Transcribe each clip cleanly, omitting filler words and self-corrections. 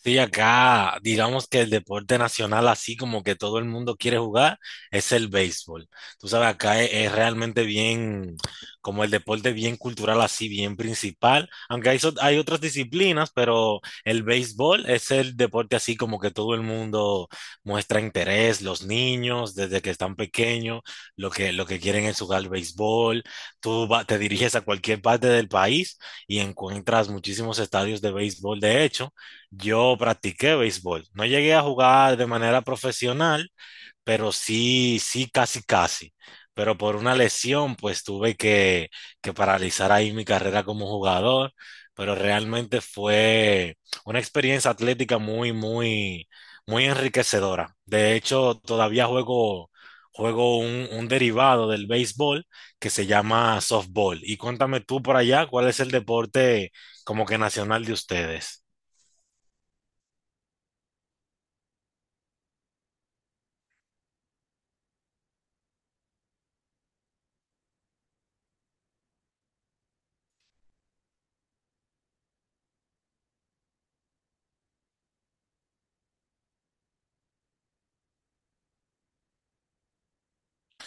Sí, acá, digamos que el deporte nacional, así como que todo el mundo quiere jugar, es el béisbol. Tú sabes, acá es realmente bien, como el deporte bien cultural, así bien principal. Aunque hay otras disciplinas, pero el béisbol es el deporte así como que todo el mundo muestra interés, los niños desde que están pequeños, lo que quieren es jugar béisbol. Te diriges a cualquier parte del país y encuentras muchísimos estadios de béisbol, de hecho. Yo practiqué béisbol. No llegué a jugar de manera profesional, pero sí, sí, casi, casi. Pero por una lesión, pues tuve que paralizar ahí mi carrera como jugador. Pero realmente fue una experiencia atlética muy, muy, muy enriquecedora. De hecho, todavía juego un derivado del béisbol que se llama softball. Y cuéntame tú por allá, ¿cuál es el deporte como que nacional de ustedes?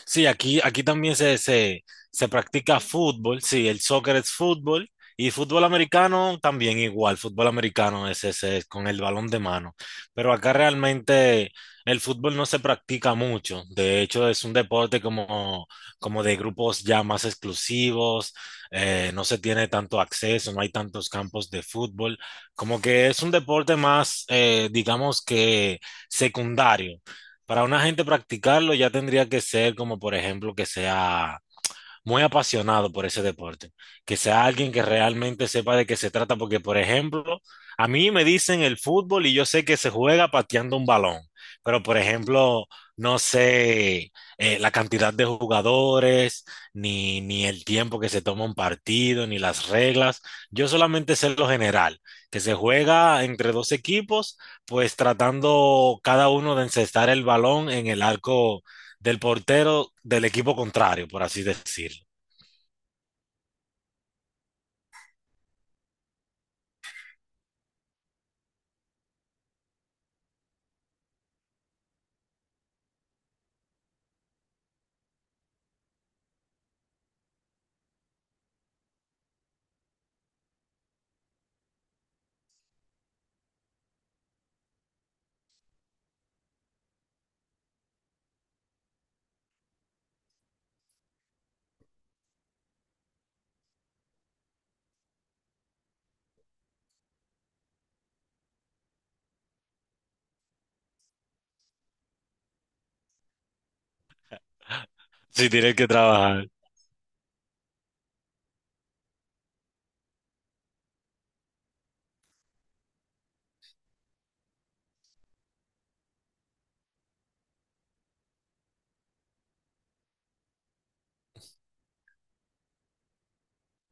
Sí, aquí también se practica fútbol, sí, el soccer es fútbol y fútbol americano también igual, fútbol americano es ese, es con el balón de mano, pero acá realmente el fútbol no se practica mucho, de hecho es un deporte como, como de grupos ya más exclusivos, no se tiene tanto acceso, no hay tantos campos de fútbol, como que es un deporte más, digamos que secundario. Para una gente practicarlo ya tendría que ser como, por ejemplo, que sea muy apasionado por ese deporte, que sea alguien que realmente sepa de qué se trata, porque por ejemplo, a mí me dicen el fútbol y yo sé que se juega pateando un balón, pero por ejemplo, no sé la cantidad de jugadores, ni el tiempo que se toma un partido, ni las reglas, yo solamente sé lo general, que se juega entre dos equipos, pues tratando cada uno de encestar el balón en el arco del portero del equipo contrario, por así decirlo. Si tienes que trabajar.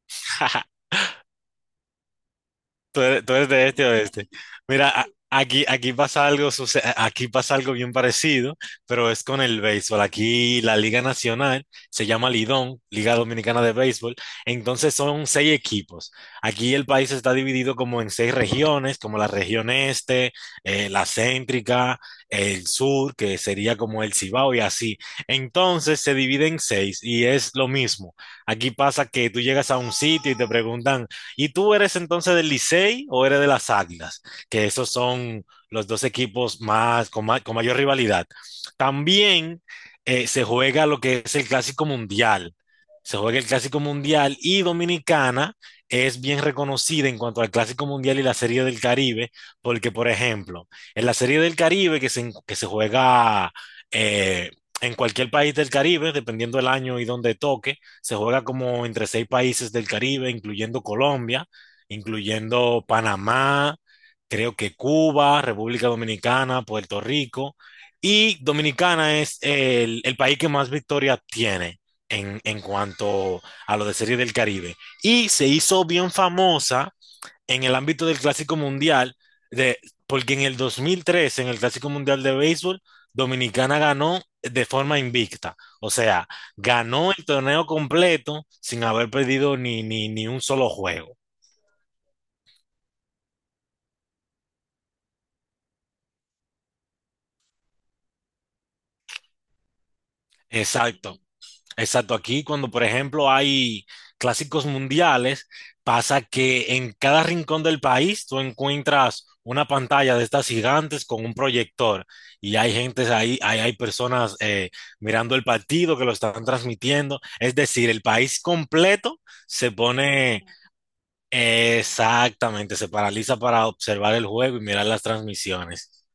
Tú eres de este a oeste. Mira, aquí pasa algo, aquí pasa algo bien parecido, pero es con el béisbol. Aquí la Liga Nacional se llama Lidón, Liga Dominicana de Béisbol. Entonces son seis equipos. Aquí el país está dividido como en seis regiones, como la región este, la céntrica, el sur, que sería como el Cibao y así. Entonces se divide en seis y es lo mismo. Aquí pasa que tú llegas a un sitio y te preguntan. ¿Y tú eres entonces del Licey o eres de las Águilas? Que esos son los dos equipos más, con mayor rivalidad. También se juega lo que es el Clásico Mundial. Se juega el Clásico Mundial y Dominicana es bien reconocida en cuanto al Clásico Mundial y la Serie del Caribe, porque, por ejemplo, en la Serie del Caribe que se juega eh, en cualquier país del Caribe, dependiendo del año y donde toque, se juega como entre seis países del Caribe, incluyendo Colombia, incluyendo Panamá, creo que Cuba, República Dominicana, Puerto Rico, y Dominicana es el país que más victorias tiene en cuanto a lo de Serie del Caribe. Y se hizo bien famosa en el ámbito del Clásico Mundial, de, porque en el 2003 en el Clásico Mundial de Béisbol, Dominicana ganó de forma invicta. O sea, ganó el torneo completo sin haber perdido ni un solo juego. Exacto. Exacto, aquí cuando por ejemplo hay clásicos mundiales, pasa que en cada rincón del país tú encuentras una pantalla de estas gigantes con un proyector y hay gente ahí, hay personas mirando el partido que lo están transmitiendo, es decir, el país completo se pone exactamente, se paraliza para observar el juego y mirar las transmisiones.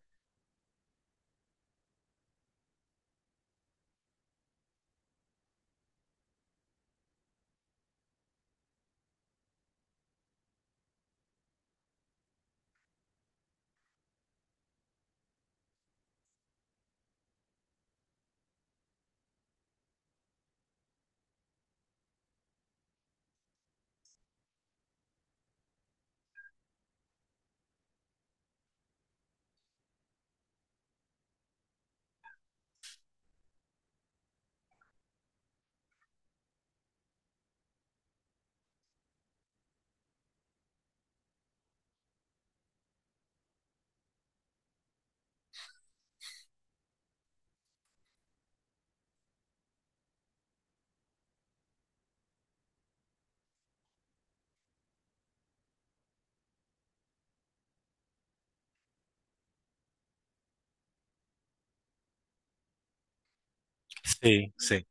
Sí, sí.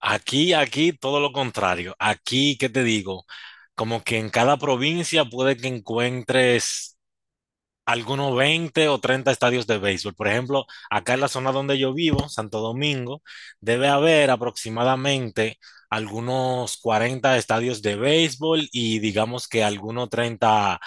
Aquí, todo lo contrario. Aquí, ¿qué te digo? Como que en cada provincia puede que encuentres algunos 20 o 30 estadios de béisbol. Por ejemplo, acá en la zona donde yo vivo, Santo Domingo, debe haber aproximadamente algunos 40 estadios de béisbol y digamos que algunos 30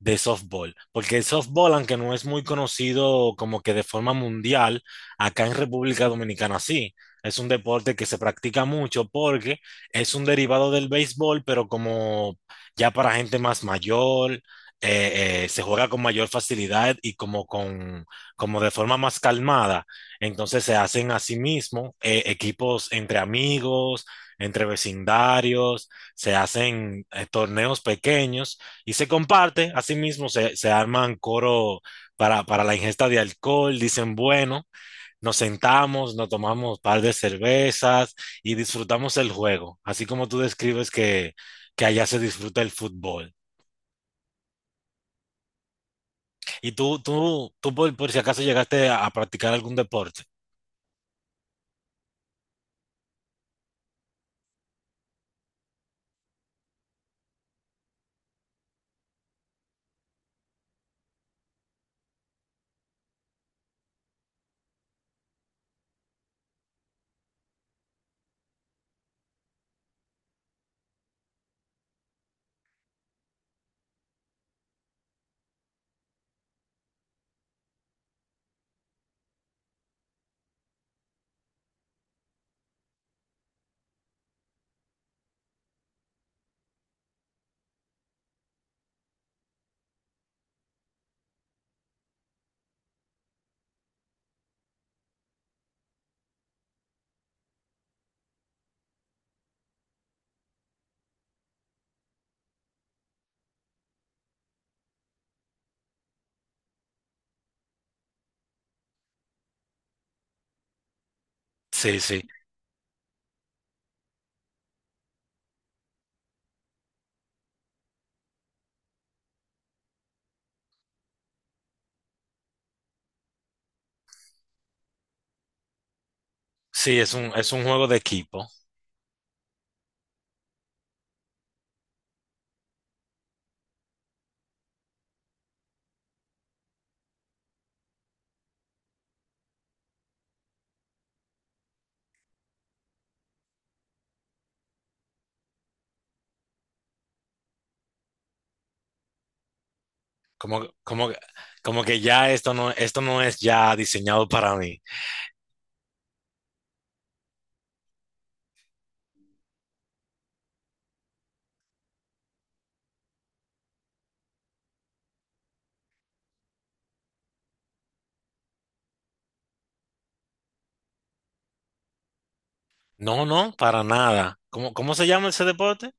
de softball, porque el softball, aunque no es muy conocido como que de forma mundial, acá en República Dominicana sí. Es un deporte que se practica mucho porque es un derivado del béisbol, pero como ya para gente más mayor, se juega con mayor facilidad y como, con, como de forma más calmada. Entonces se hacen a sí mismo equipos entre amigos, entre vecindarios, se hacen torneos pequeños y se comparte, asimismo se arman coro para la ingesta de alcohol, dicen, bueno, nos sentamos, nos tomamos un par de cervezas y disfrutamos el juego, así como tú describes que allá se disfruta el fútbol. ¿Y tú por si acaso llegaste a practicar algún deporte? Sí, sí. Sí, es un juego de equipo. Como, como, como que ya esto no, es ya diseñado para mí. No, no, para nada. ¿Cómo se llama ese deporte?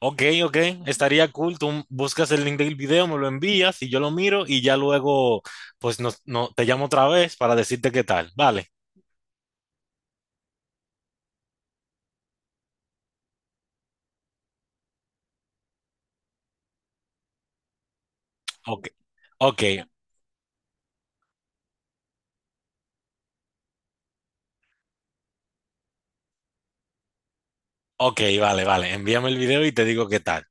Ok, ok, estaría cool. Tú buscas el link del video, me lo envías y yo lo miro y ya luego, pues, no, no, te llamo otra vez para decirte qué tal. Vale, ok, ok, ok, vale, vale. Envíame el video y te digo qué tal.